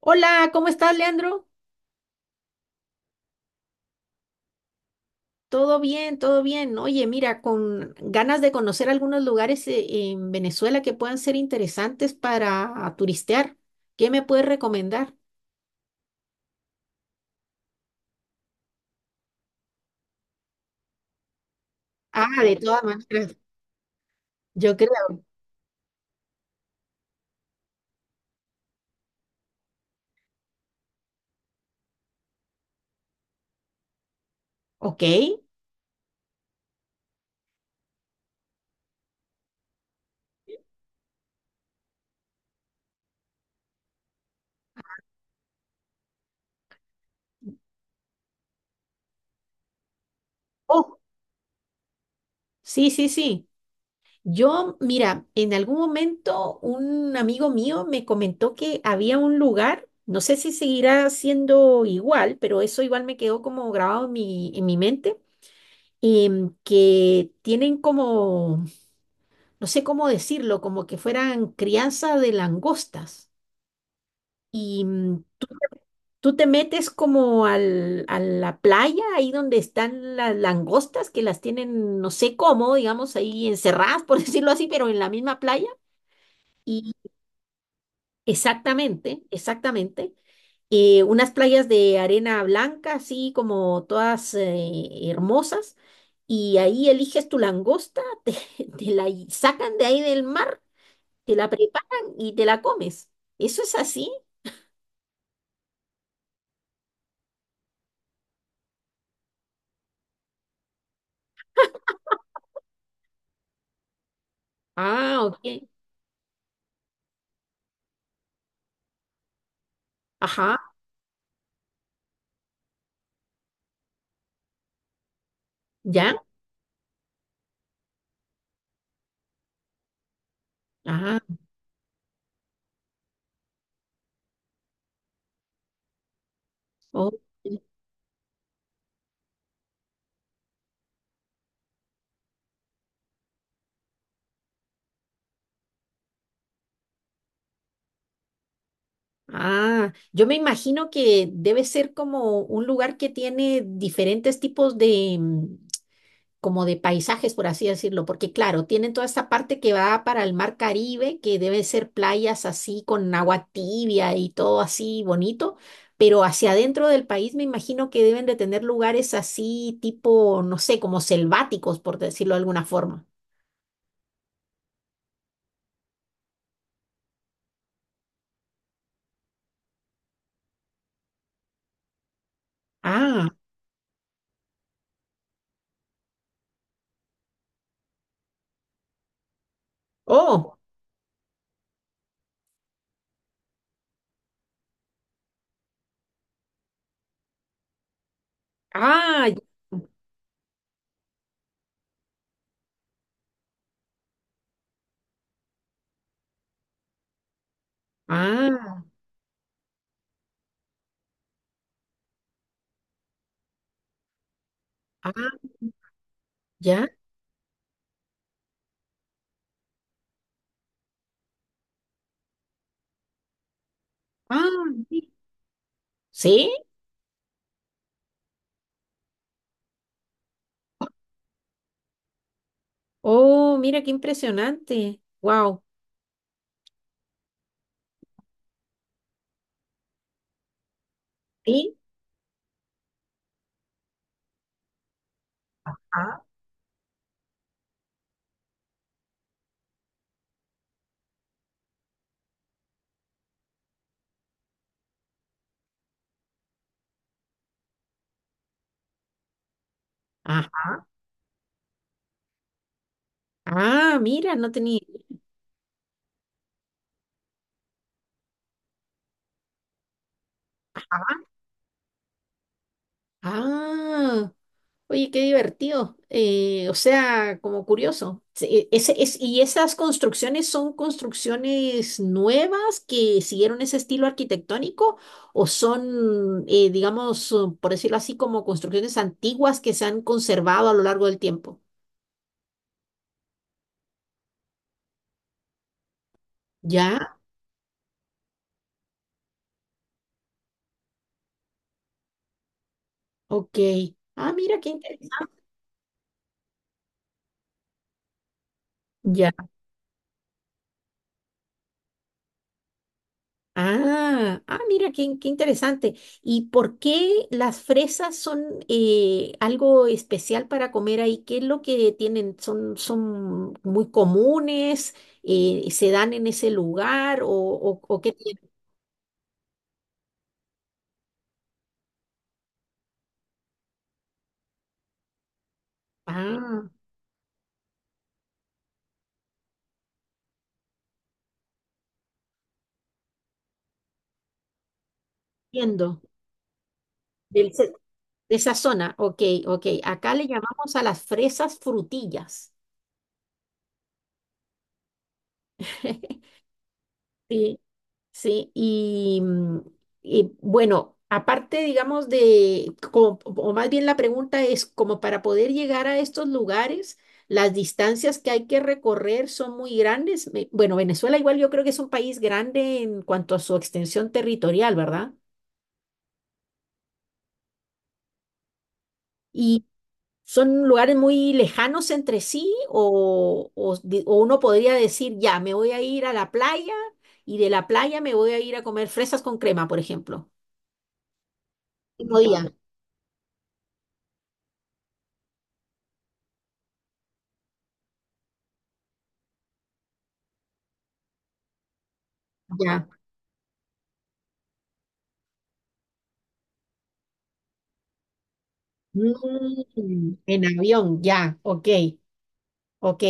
Hola, ¿cómo estás, Leandro? Todo bien, todo bien. Oye, mira, con ganas de conocer algunos lugares en Venezuela que puedan ser interesantes para turistear. ¿Qué me puedes recomendar? Ah, de todas maneras, yo creo. Ok. Oh, sí, sí, sí. Yo, mira, en algún momento un amigo mío me comentó que había un lugar, no sé si seguirá siendo igual, pero eso igual me quedó como grabado en mi mente que tienen como, no sé cómo decirlo, como que fueran crianza de langostas. Y mm, tú te metes como a la playa, ahí donde están las langostas, que las tienen, no sé cómo, digamos, ahí encerradas, por decirlo así, pero en la misma playa. Y exactamente, exactamente. Unas playas de arena blanca, así como todas hermosas, y ahí eliges tu langosta, te la sacan de ahí del mar, te la preparan y te la comes. ¿Eso es así? Ah, ok. Ajá, ¿ya? Ah, ok. Ah, yo me imagino que debe ser como un lugar que tiene diferentes tipos de, como de paisajes, por así decirlo, porque claro, tienen toda esta parte que va para el mar Caribe, que debe ser playas así con agua tibia y todo así bonito, pero hacia adentro del país me imagino que deben de tener lugares así tipo, no sé, como selváticos, por decirlo de alguna forma. Ah, oh, ah, ya, ah, ah, ya, ah, sí. ¿Sí? Oh, mira qué impresionante. Wow. Sí. Ah, ah, ah, mira, no tenía. Ah, oye, qué divertido. O sea, como curioso. Sí, ¿y esas construcciones son construcciones nuevas que siguieron ese estilo arquitectónico o son, digamos, por decirlo así, como construcciones antiguas que se han conservado a lo largo del tiempo? Ya, ok. Ah, mira, qué interesante. Ah, ah, mira, qué interesante. ¿Y por qué las fresas son algo especial para comer ahí? ¿Qué es lo que tienen? ¿Son, son muy comunes? ¿Se dan en ese lugar? O qué tienen? Ah, entiendo. Del ce- de esa zona. Ok, ok. Acá le llamamos a las fresas frutillas. Sí. Sí, y, mm, y, bueno, aparte, digamos, o más bien la pregunta es, como para poder llegar a estos lugares, las distancias que hay que recorrer son muy grandes. Bueno, Venezuela igual yo creo que es un país grande en cuanto a su extensión territorial, ¿verdad? Y son lugares muy lejanos entre sí, o uno podría decir, ya, me voy a ir a la playa y de la playa me voy a ir a comer fresas con crema, por ejemplo. Mismo día, ya. Mm, en avión, ya, ok, ok.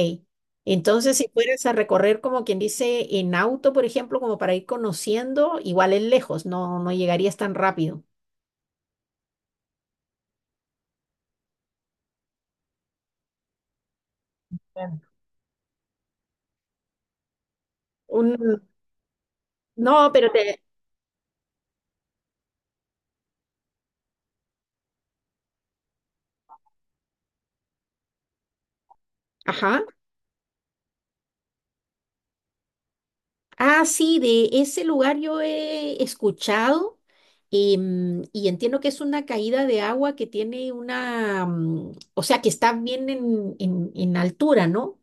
Entonces, si fueras a recorrer, como quien dice, en auto, por ejemplo, como para ir conociendo, igual es lejos, no, no llegarías tan rápido. Bien. Un, no, pero te... Ajá. Ah, sí, de ese lugar yo he escuchado y entiendo que es una caída de agua que tiene una... mm, o sea, que está bien en altura, ¿no?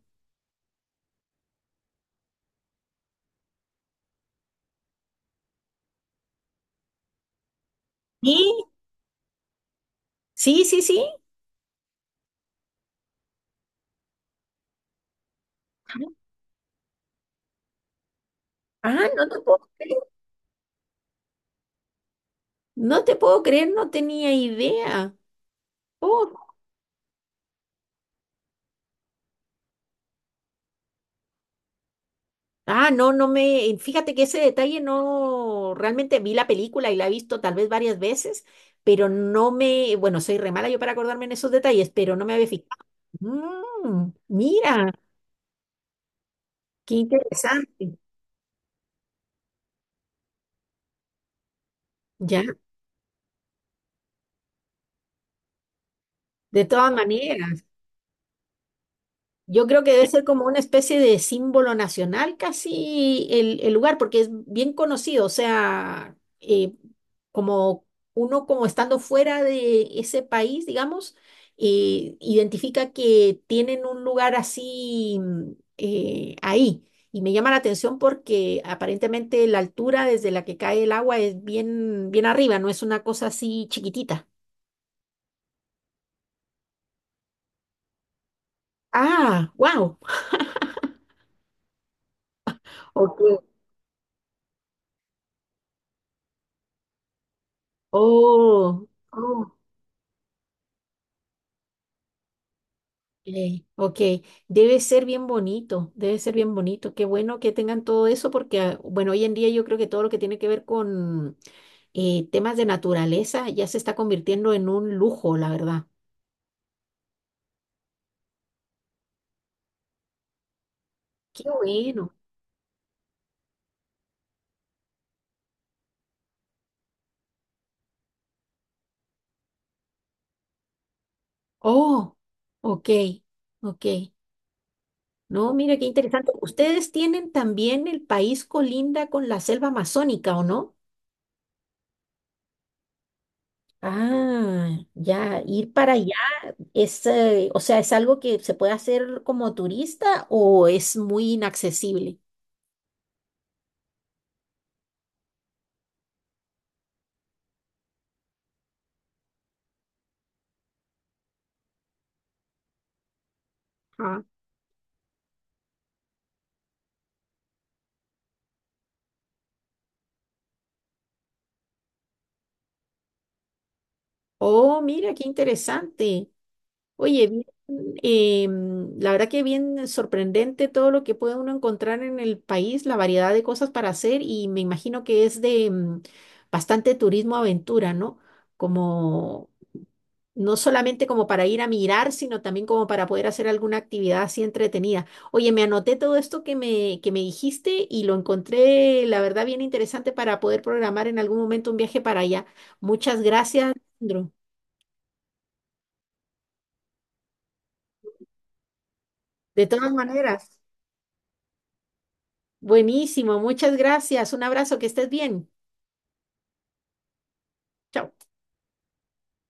Sí. Sí, sí, sí. Ah, no te puedo creer. No te puedo creer, no tenía idea. Oh, ah, no, no me. Fíjate que ese detalle no. Realmente vi la película y la he visto tal vez varias veces, pero no me. Bueno, soy re mala yo para acordarme en esos detalles, pero no me había fijado. Mm, mira, qué interesante. Ya, de todas maneras. Yo creo que debe ser como una especie de símbolo nacional casi el lugar, porque es bien conocido, o sea, como uno como estando fuera de ese país, digamos, identifica que tienen un lugar así mm, ahí. Y me llama la atención porque aparentemente la altura desde la que cae el agua es bien arriba, no es una cosa así chiquitita. Ah, wow. Ok. Oh, oh. Ey, ok, debe ser bien bonito, debe ser bien bonito. Qué bueno que tengan todo eso porque, ah, bueno, hoy en día yo creo que todo lo que tiene que ver con temas de naturaleza ya se está convirtiendo en un lujo, la verdad. Qué bueno. Oh, ok, ok. No, mira qué interesante. Ustedes tienen también el país colinda con la selva amazónica, ¿o no? Ah, ya, ir para allá es, o sea, ¿es algo que se puede hacer como turista o es muy inaccesible? Ah, oh, mira, qué interesante. Oye, bien, la verdad que bien sorprendente todo lo que puede uno encontrar en el país, la variedad de cosas para hacer y me imagino que es de bastante turismo aventura, ¿no? Como no solamente como para ir a mirar, sino también como para poder hacer alguna actividad así entretenida. Oye, me anoté todo esto que me dijiste y lo encontré, la verdad, bien interesante para poder programar en algún momento un viaje para allá. Muchas gracias, Alejandro. De todas maneras, buenísimo, muchas gracias. Un abrazo, que estés bien. Chao.